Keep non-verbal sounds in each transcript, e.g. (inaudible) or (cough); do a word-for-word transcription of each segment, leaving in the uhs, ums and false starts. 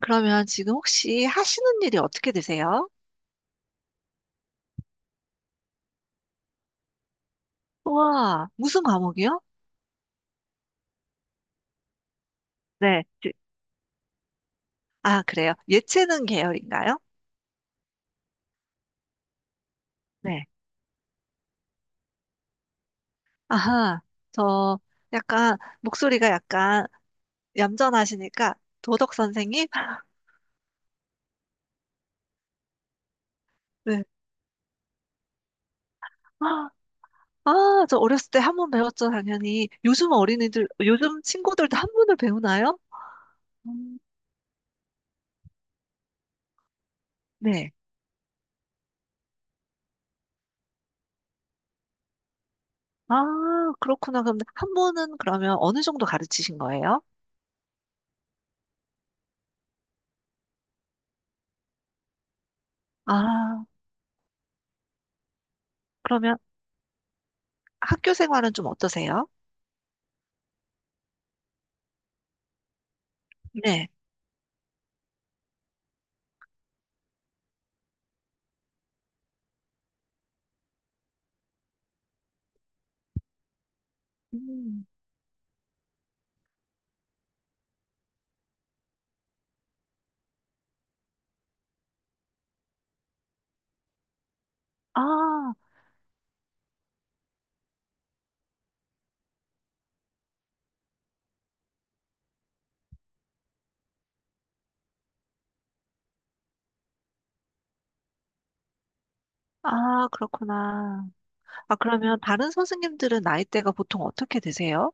그러면 지금 혹시 하시는 일이 어떻게 되세요? 우와, 무슨 과목이요? 네, 지- 아, 그래요. 예체능 계열인가요? 네, 아하, 저 약간 목소리가 약간 얌전하시니까 도덕 선생님? (laughs) 네. 아, 아, 저 어렸을 때 한 번 배웠죠, 당연히. 요즘 어린이들, 요즘 친구들도 한문을 배우나요? 음, 네. 아, 그렇구나. 그럼 한문은 그러면 어느 정도 가르치신 거예요? 아, 그러면 학교 생활은 좀 어떠세요? 네. 음. 아, 아, 그렇구나. 아, 그러면 다른 선생님들은 나이대가 보통 어떻게 되세요?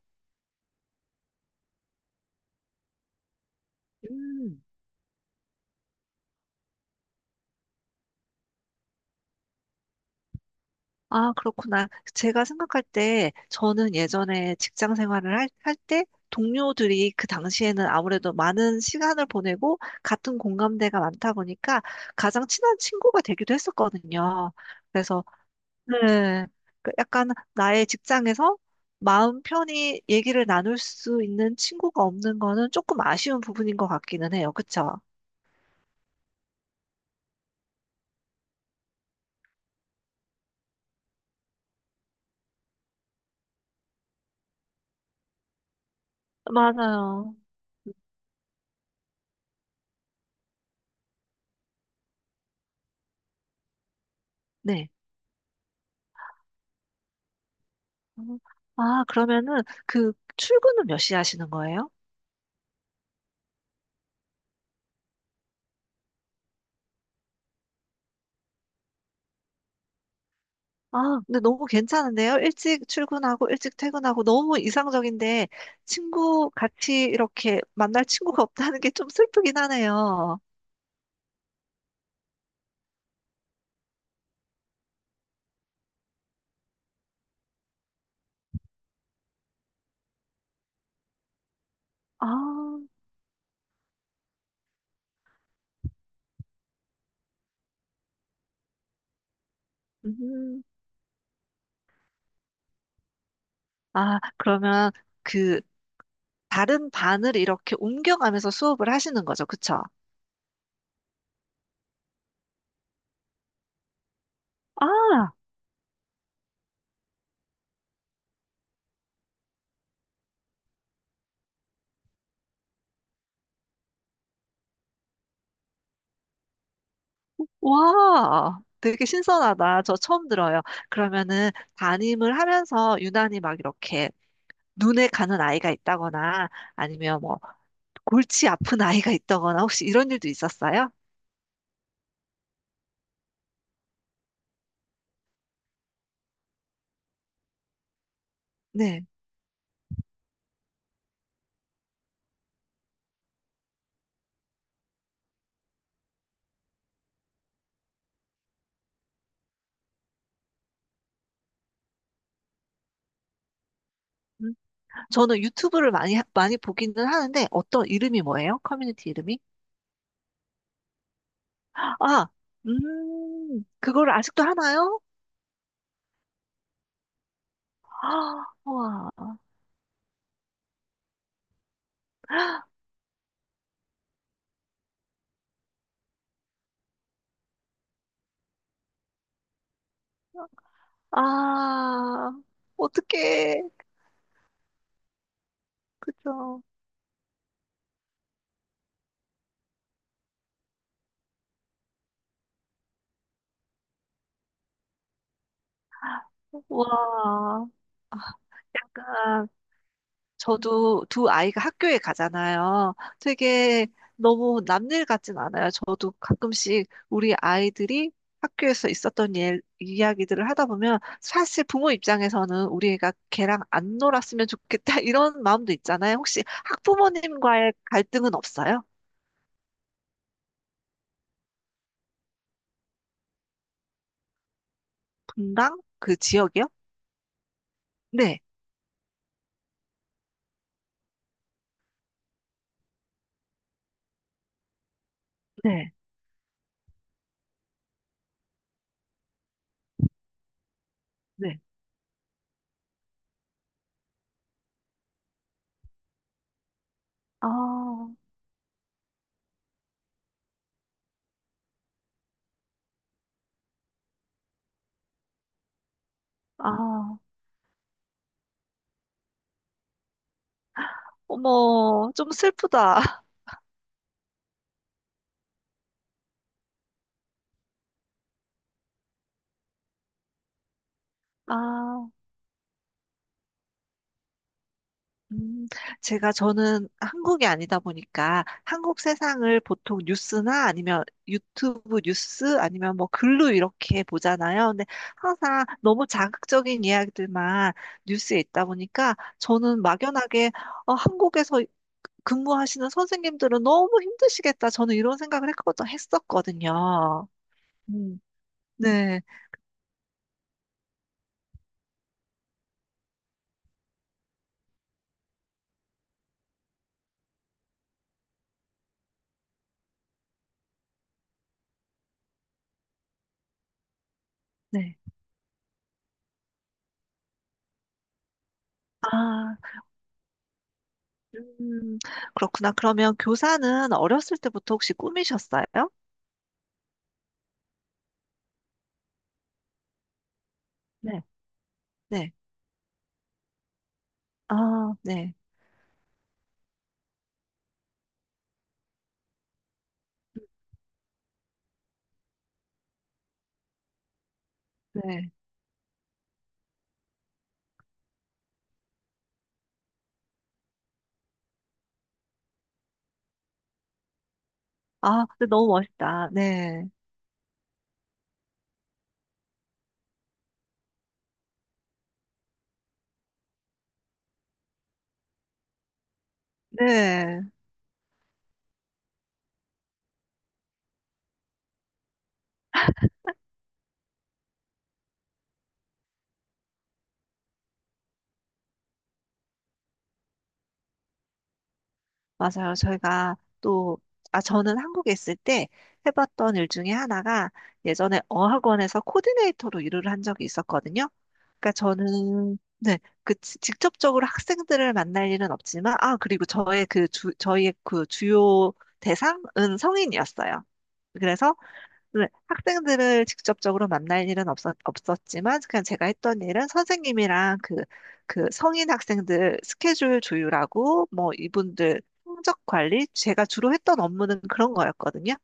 음. 아, 그렇구나. 제가 생각할 때 저는 예전에 직장 생활을 할, 할 때 동료들이 그 당시에는 아무래도 많은 시간을 보내고 같은 공감대가 많다 보니까 가장 친한 친구가 되기도 했었거든요. 그래서 네. 그 약간 나의 직장에서 마음 편히 얘기를 나눌 수 있는 친구가 없는 거는 조금 아쉬운 부분인 것 같기는 해요. 그쵸? 맞아요. 네. 음, 아, 그러면은 그 출근은 몇 시에 하시는 거예요? 아, 근데 너무 괜찮은데요? 일찍 출근하고 일찍 퇴근하고 너무 이상적인데 친구 같이 이렇게 만날 친구가 (laughs) 없다는 게 좀 슬프긴 하네요. 아, 음, 아, 그러면 그 다른 반을 이렇게 옮겨가면서 수업을 하시는 거죠. 그쵸? 아, 와, 되게 신선하다. 저 처음 들어요. 그러면은 담임을 하면서 유난히 막 이렇게 눈에 가는 아이가 있다거나 아니면 뭐 골치 아픈 아이가 있다거나 혹시 이런 일도 있었어요? 네. 음, 저는 유튜브를 많이, 하- 많이 보기는 하는데 어떤 이름이 뭐예요? 커뮤니티 이름이? 아, 음, 그걸 아직도 하나요? (gasps) 아, 와. 아, 어떡해. 그죠. 와, 약간 저도 두 아이가 학교에 가잖아요. 되게 너무 남일 같진 않아요. 저도 가끔씩 우리 아이들이 학교에서 있었던 일, 이야기들을 하다 보면 사실 부모 입장에서는 우리 애가 걔랑 안 놀았으면 좋겠다 (laughs) 이런 마음도 있잖아요. 혹시 학부모님과의 갈등은 없어요? 분당? 그 지역이요? 네, 네, 네. 아, 아. 어머, 좀 슬프다. 아, 음, 제가 저는 한국이 아니다 보니까 한국 세상을 보통 뉴스나 아니면 유튜브 뉴스 아니면 뭐 글로 이렇게 보잖아요. 근데 항상 너무 자극적인 이야기들만 뉴스에 있다 보니까 저는 막연하게 어, 한국에서 근무하시는 선생님들은 너무 힘드시겠다. 저는 이런 생각을 했거- 했었거든요. 음, 네, 네. 아. 음, 그렇구나. 그러면 교사는 어렸을 때부터 혹시 꿈이셨어요? 네. 네. 아, 네. 네. 아, 근데 너무 멋있다. 네. 네. 맞아요. 저희가 또, 아, 저는 한국에 있을 때 해봤던 일 중에 하나가 예전에 어학원에서 코디네이터로 일을 한 적이 있었거든요. 그러니까 저는, 네. 그, 지- 직접적으로 학생들을 만날 일은 없지만, 아, 그리고 저의 그 주, 저희의 그 주요 대상은 성인이었어요. 그래서 네, 학생들을 직접적으로 만날 일은 없었, 없었지만, 그냥 제가 했던 일은 선생님이랑 그, 그 성인 학생들 스케줄 조율하고, 뭐, 이분들 성적 관리, 제가 주로 했던 업무는 그런 거였거든요.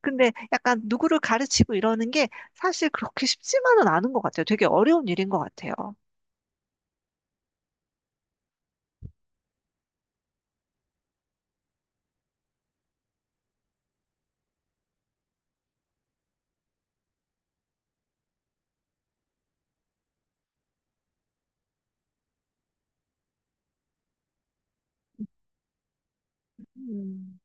근데 약간 누구를 가르치고 이러는 게 사실 그렇게 쉽지만은 않은 것 같아요. 되게 어려운 일인 것 같아요. 음,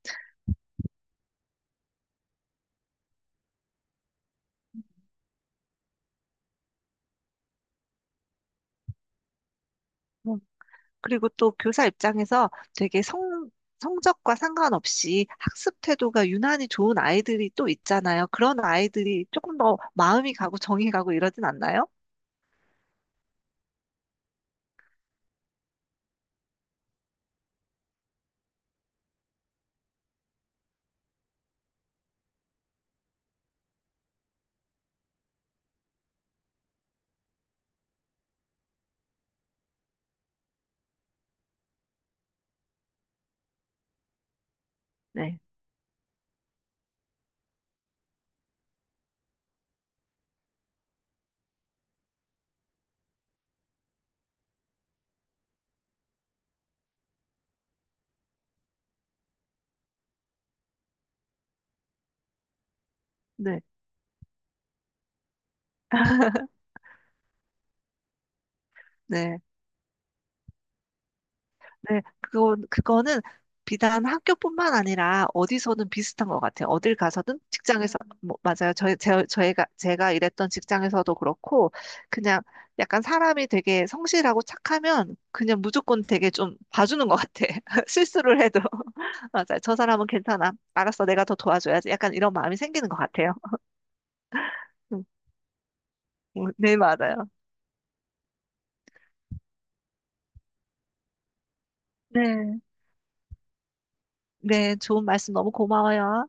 어, 그리고 또 교사 입장에서 되게 성, 성적과 상관없이 학습 태도가 유난히 좋은 아이들이 또 있잖아요. 그런 아이들이 조금 더 마음이 가고 정이 가고 이러진 않나요? 네. 네. 네. 네, 그거, 그거는 비단 학교뿐만 아니라 어디서든 비슷한 것 같아요. 어딜 가서든 직장에서, 음. 뭐, 맞아요. 저희, 제, 저희가, 제가 일했던 직장에서도 그렇고, 그냥 약간 사람이 되게 성실하고 착하면 그냥 무조건 되게 좀 봐주는 것 같아. (laughs) 실수를 해도. (laughs) 맞아요. 저 사람은 괜찮아. 알았어. 내가 더 도와줘야지. 약간 이런 마음이 생기는 것 같아요. (laughs) 음, 네, 맞아요. 네. 네, 좋은 말씀 너무 고마워요.